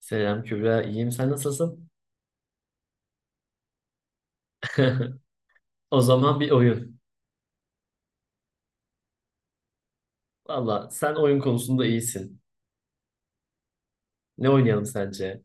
Selam Kübra, iyiyim. Sen nasılsın? O zaman bir oyun. Valla sen oyun konusunda iyisin. Ne oynayalım sence?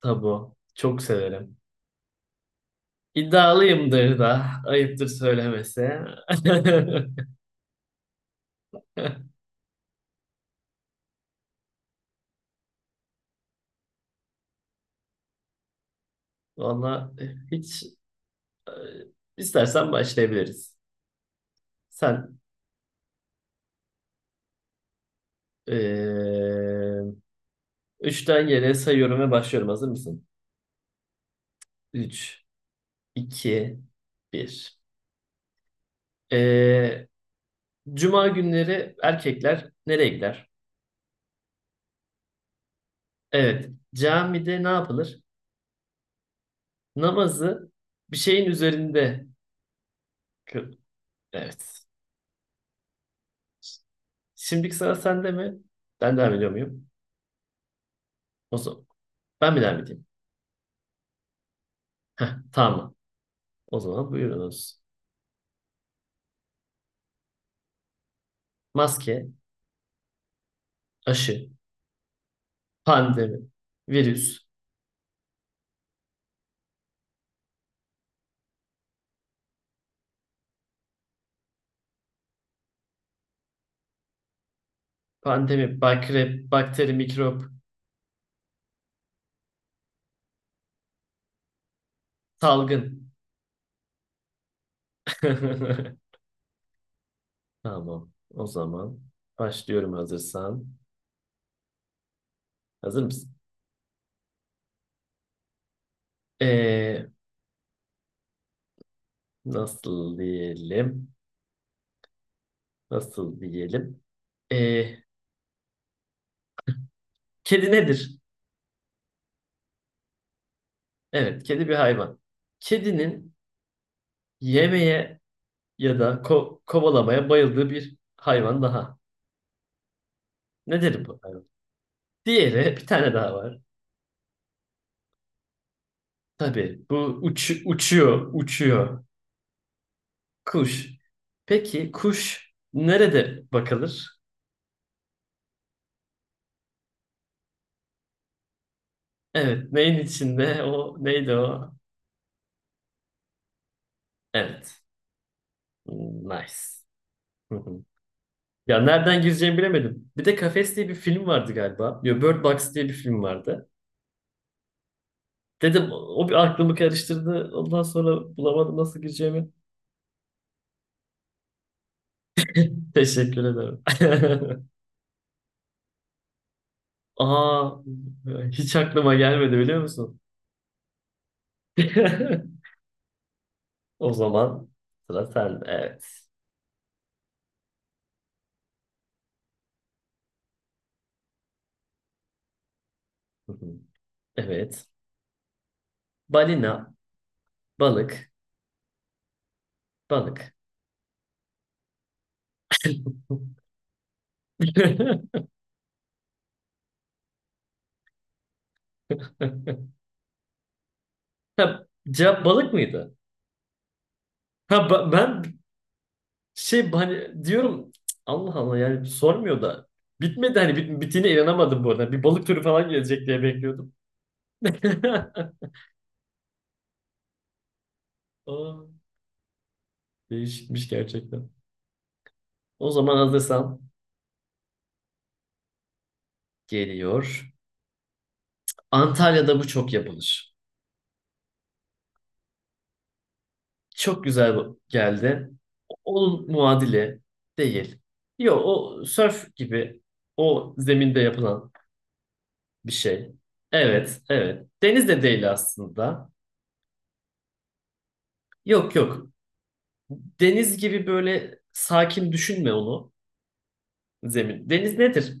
Tabu. Çok severim. İddialıyımdır da. Ayıptır söylemesi. Valla hiç e, istersen başlayabiliriz. Sen e, üçten yere sayıyorum ve başlıyorum. Hazır mısın? Üç, iki, bir. E, Cuma günleri erkekler nereye gider? Evet, camide ne yapılır? Namazı bir şeyin üzerinde kıl. Evet. Şimdiki sıra sende mi? Ben devam ediyor muyum? O zaman ben mi devam edeyim? Heh, tamam. O zaman buyurunuz. Maske, aşı, pandemi, virüs, pandemi, bakre, bakteri, mikrop, salgın. Tamam. O zaman başlıyorum hazırsan. Hazır mısın? Ee, nasıl diyelim? Nasıl diyelim? Ee, Kedi nedir? Evet, kedi bir hayvan. Kedinin yemeye ya da kovalamaya bayıldığı bir hayvan daha. Nedir bu hayvan? Diğeri bir tane daha var. Tabii bu uçuyor, uçuyor. Kuş. Peki kuş nerede bakılır? Evet, neyin içinde? O neydi o? Evet. Nice. Hı hı. Ya nereden gireceğimi bilemedim. Bir de Kafes diye bir film vardı galiba. Yo, Bird Box diye bir film vardı. Dedim o bir aklımı karıştırdı. Ondan sonra bulamadım nasıl gireceğimi. Teşekkür ederim. Aa, hiç aklıma gelmedi biliyor musun? O zaman sıra sende. Evet. Hı hı. Evet. Balina, balık, balık. Ha, cevap balık mıydı? Ha, ben şey hani diyorum "Cık, Allah Allah yani sormuyor da bitmedi hani bittiğine inanamadım bu arada. Bir balık türü falan gelecek diye bekliyordum. Aa, değişikmiş gerçekten. O zaman hazırsan geliyor. Antalya'da bu çok yapılır. Çok güzel geldi. Onun muadili değil. Yok o sörf gibi o zeminde yapılan bir şey. Evet, evet. Deniz de değil aslında. Yok yok. Deniz gibi böyle sakin düşünme onu zemin. Deniz nedir?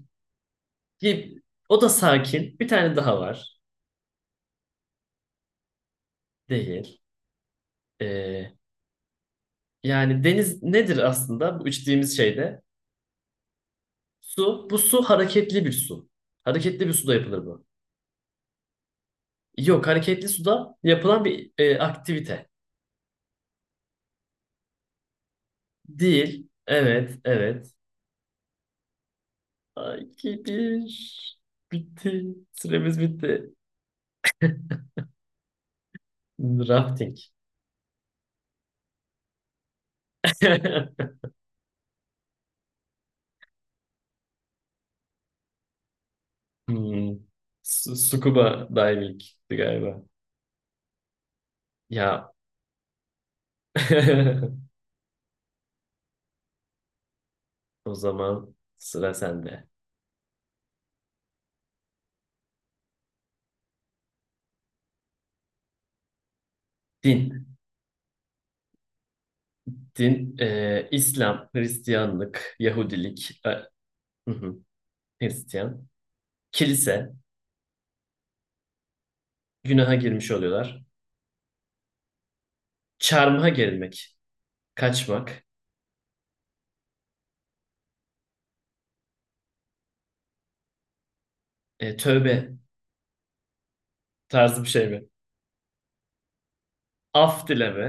Bir- O da sakin. Bir tane daha var. Değil. Ee, Yani deniz nedir aslında bu içtiğimiz şeyde? Su. Bu su hareketli bir su. Hareketli bir suda yapılır bu. Yok, hareketli suda yapılan bir aktivite. Değil. Evet, evet. Ay, ki bir. Bitti. Süremiz bitti. Rafting. Hmm. Scuba diving galiba. Ya. O zaman sıra sende. Din. Din, İslam, Hristiyanlık, Yahudilik. Hı hı. Hristiyan. Kilise, günaha girmiş oluyorlar. Çarmıha gerilmek, kaçmak, tövbe tarzı bir şey mi? Af dileme,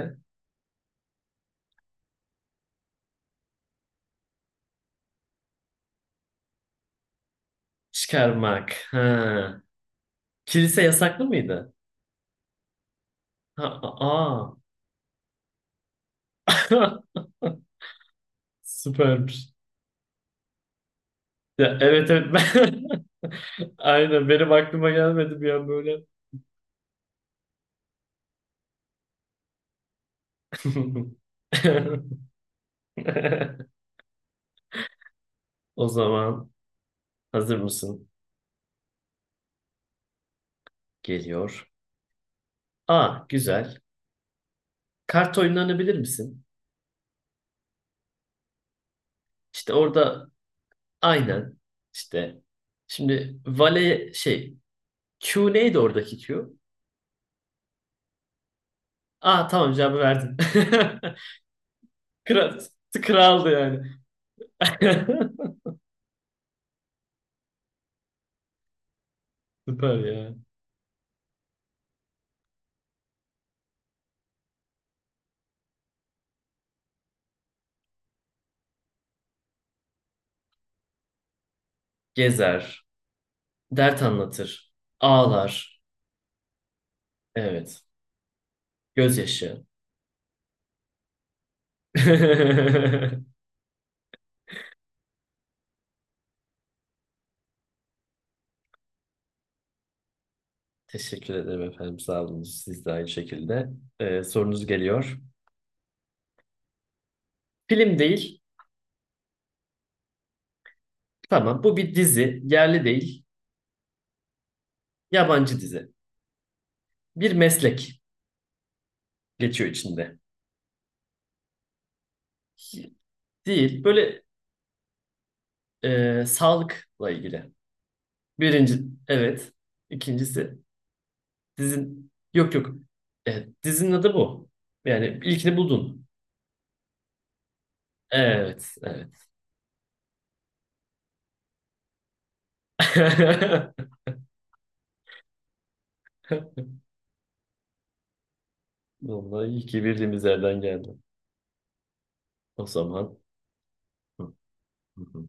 çıkarmak. Ha. Kilise yasaklı mıydı? Ha, aa. Süpermiş. Ya, evet evet ben... Aynen benim aklıma gelmedi bir an böyle. O zaman hazır mısın? Geliyor. Aa güzel. Kart oyunlarını bilir misin? İşte orada aynen işte. Şimdi vale şey Q neydi oradaki Q? Aa tamam cevabı verdin. Kral, kraldı yani. Süper ya. Gezer, dert anlatır, ağlar. Evet. Gözyaşı. Teşekkür ederim efendim. Sağ olun. Siz de aynı şekilde. Sorunuz geliyor. Film değil. Tamam. Bu bir dizi. Yerli değil. Yabancı dizi. Bir meslek geçiyor içinde. Değil. Böyle sağlıkla ilgili. Birinci, evet. İkincisi dizin yok yok. Evet, dizinin adı bu. Yani ilkini buldun. Evet, evet. Vallahi iyi ki bildiğimiz yerden geldi. O zaman hı, hı, hı.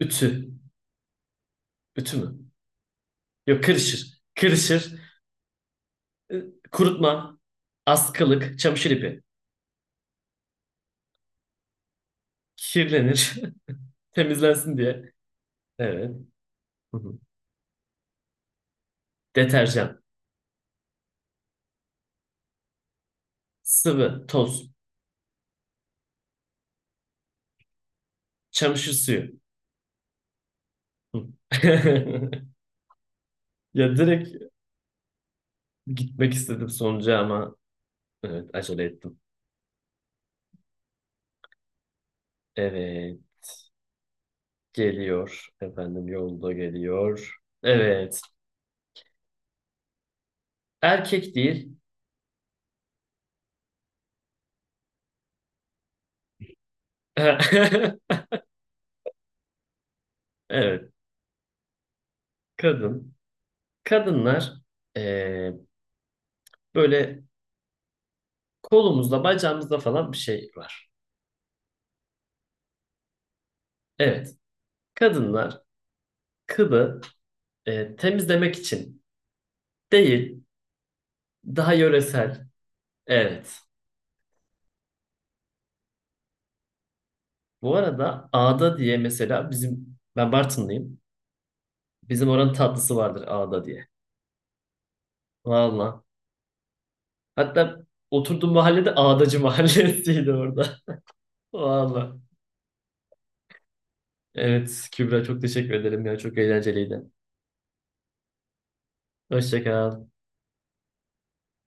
Ütü. Ütü mü? Yok kırışır. Kırışır. Ee, Kurutma. Askılık. Çamaşır ipi. Kirlenir. Temizlensin diye. Evet. Hı hı. Deterjan. Sıvı. Toz. Çamaşır suyu. Hı. Ya direkt gitmek istedim sonuca ama evet acele ettim. Evet geliyor. Efendim yolda geliyor. Evet. Erkek değil. Evet. Kadın. Kadınlar eee, böyle kolumuzda bacağımızda falan bir şey var. Evet. Kadınlar kılı temizlemek için değil. Daha yöresel. Evet. Bu arada ağda diye mesela bizim ben Bartınlıyım. Bizim oranın tatlısı vardır ağda diye. Valla. Hatta oturduğum mahallede Ağdacı Mahallesi'ydi orada. Valla. Evet Kübra çok teşekkür ederim ya. Çok eğlenceliydi. Hoşça kal.